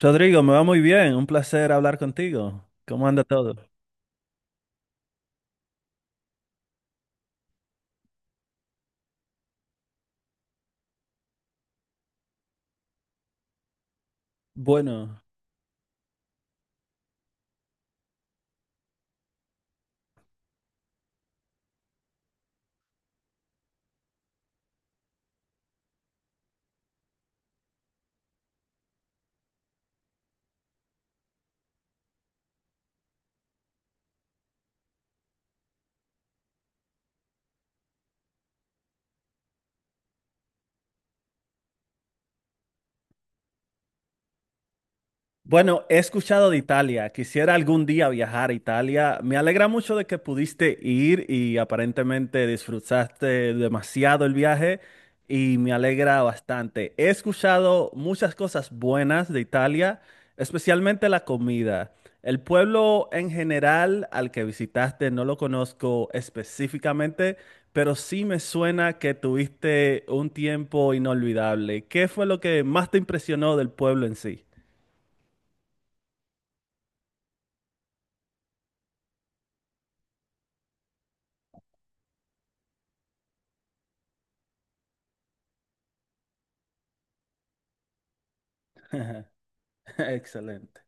Rodrigo, me va muy bien, un placer hablar contigo. ¿Cómo anda todo? Bueno. Bueno, he escuchado de Italia. Quisiera algún día viajar a Italia. Me alegra mucho de que pudiste ir y aparentemente disfrutaste demasiado el viaje y me alegra bastante. He escuchado muchas cosas buenas de Italia, especialmente la comida. El pueblo en general al que visitaste no lo conozco específicamente, pero sí me suena que tuviste un tiempo inolvidable. ¿Qué fue lo que más te impresionó del pueblo en sí? Excelente.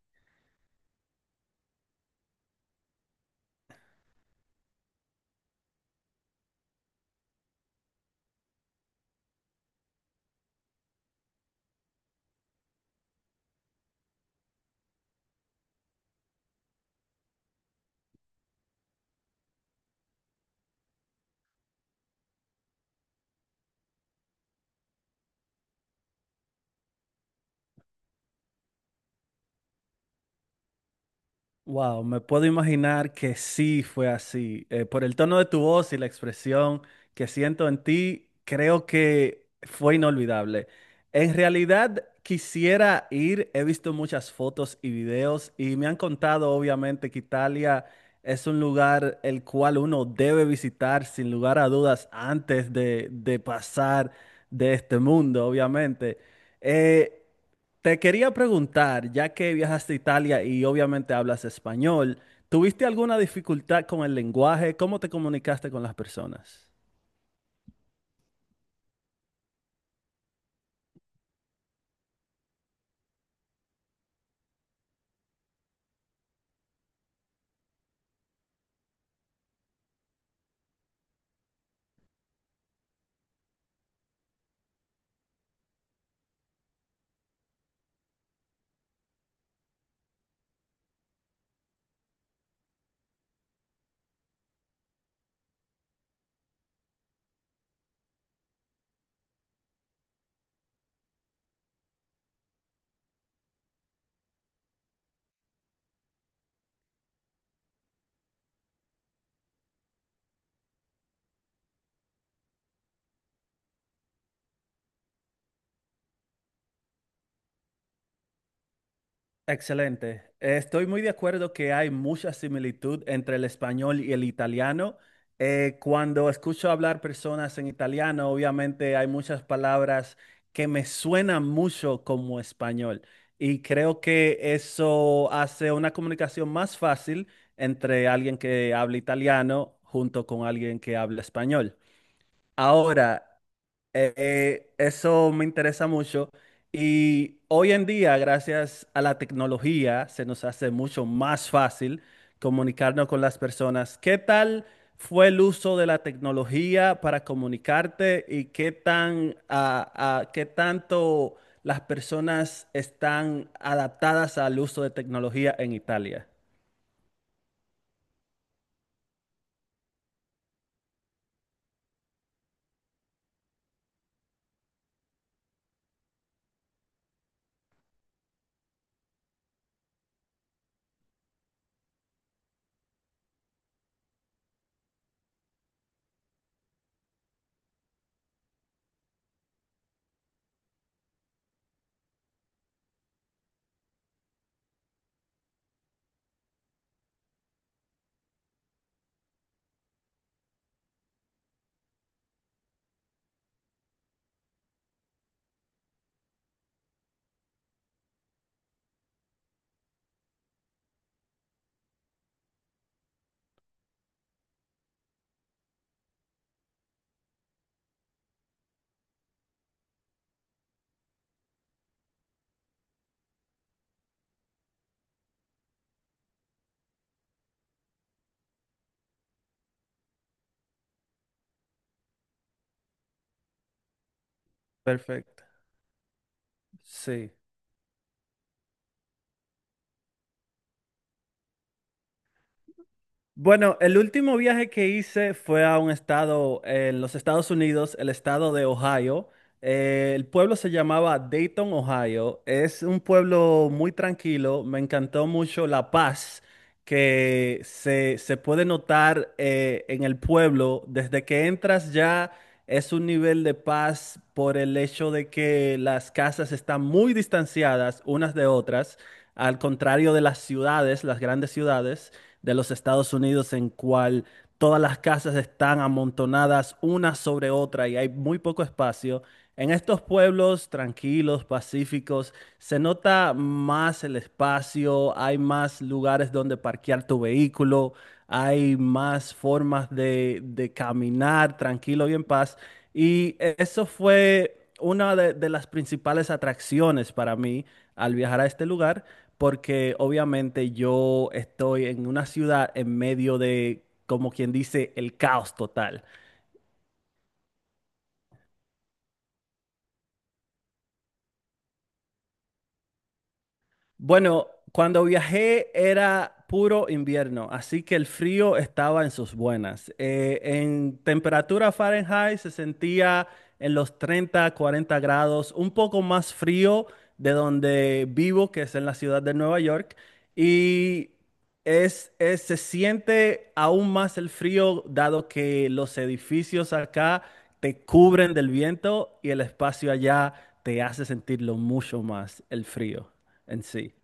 Wow, me puedo imaginar que sí fue así. Por el tono de tu voz y la expresión que siento en ti, creo que fue inolvidable. En realidad, quisiera ir. He visto muchas fotos y videos y me han contado, obviamente, que Italia es un lugar el cual uno debe visitar sin lugar a dudas antes de pasar de este mundo, obviamente. Eh, Te quería preguntar, ya que viajaste a Italia y obviamente hablas español, ¿tuviste alguna dificultad con el lenguaje? ¿Cómo te comunicaste con las personas? Excelente. Estoy muy de acuerdo que hay mucha similitud entre el español y el italiano. Cuando escucho hablar personas en italiano, obviamente hay muchas palabras que me suenan mucho como español y creo que eso hace una comunicación más fácil entre alguien que habla italiano junto con alguien que habla español. Ahora, eso me interesa mucho y hoy en día, gracias a la tecnología, se nos hace mucho más fácil comunicarnos con las personas. ¿Qué tal fue el uso de la tecnología para comunicarte y qué tanto las personas están adaptadas al uso de tecnología en Italia? Perfecto. Sí. Bueno, el último viaje que hice fue a un estado en los Estados Unidos, el estado de Ohio. El pueblo se llamaba Dayton, Ohio. Es un pueblo muy tranquilo. Me encantó mucho la paz que se puede notar en el pueblo. Desde que entras ya es un nivel de paz por el hecho de que las casas están muy distanciadas unas de otras, al contrario de las ciudades, las grandes ciudades de los Estados Unidos en cual todas las casas están amontonadas una sobre otra y hay muy poco espacio. En estos pueblos tranquilos, pacíficos, se nota más el espacio, hay más lugares donde parquear tu vehículo, hay más formas de caminar tranquilo y en paz. Y eso fue una de las principales atracciones para mí al viajar a este lugar, porque obviamente yo estoy en una ciudad en medio de, como quien dice, el caos total. Bueno, cuando viajé era puro invierno, así que el frío estaba en sus buenas. En temperatura Fahrenheit se sentía en los 30, 40 grados, un poco más frío de donde vivo, que es en la ciudad de Nueva York, y se siente aún más el frío dado que los edificios acá te cubren del viento y el espacio allá te hace sentirlo mucho más el frío en sí.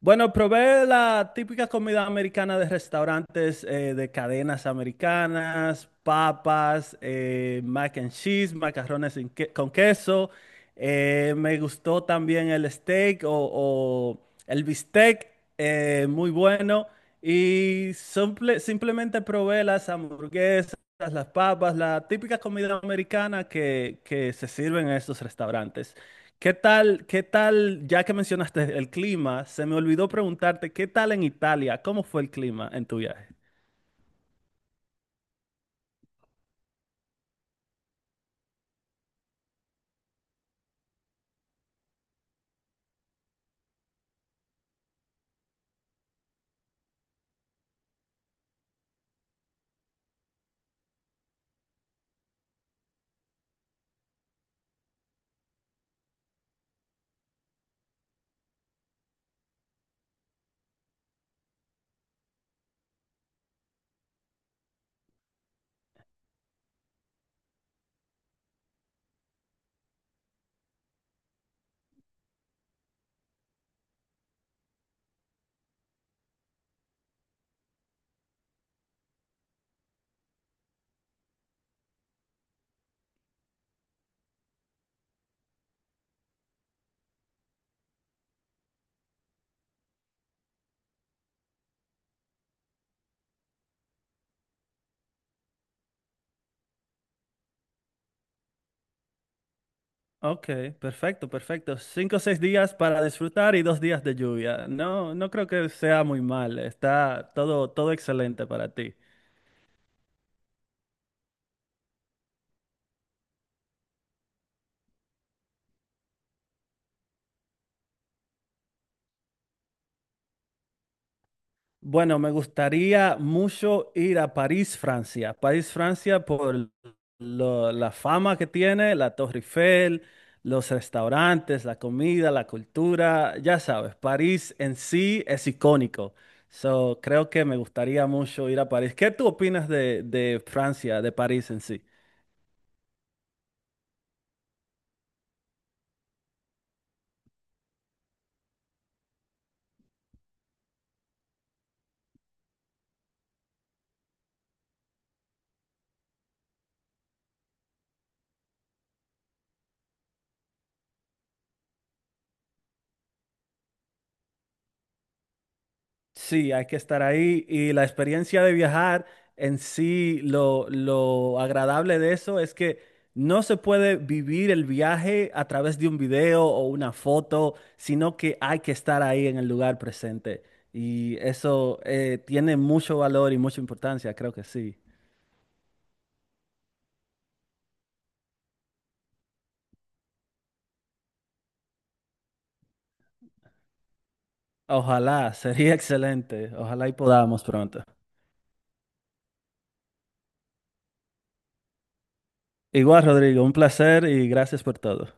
Bueno, probé la típica comida americana de restaurantes de cadenas americanas, papas, mac and cheese, macarrones sin con queso. Me gustó también el steak o el bistec, muy bueno. Y simplemente probé las hamburguesas, las papas, la típica comida americana que se sirve en estos restaurantes. Qué tal, ya que mencionaste el clima, se me olvidó preguntarte, ¿qué tal en Italia? ¿Cómo fue el clima en tu viaje? Ok, perfecto, perfecto. 5 o 6 días para disfrutar y 2 días de lluvia. No, no creo que sea muy mal. Está todo, todo excelente para ti. Bueno, me gustaría mucho ir a París, Francia. París, Francia, por la fama que tiene, la Torre Eiffel, los restaurantes, la comida, la cultura, ya sabes, París en sí es icónico. So, creo que me gustaría mucho ir a París. ¿Qué tú opinas de Francia, de París en sí? Sí, hay que estar ahí y la experiencia de viajar en sí, lo agradable de eso es que no se puede vivir el viaje a través de un video o una foto, sino que hay que estar ahí en el lugar presente. Y eso tiene mucho valor y mucha importancia, creo que sí. Ojalá, sería excelente. Ojalá y podamos pronto. Igual, Rodrigo, un placer y gracias por todo.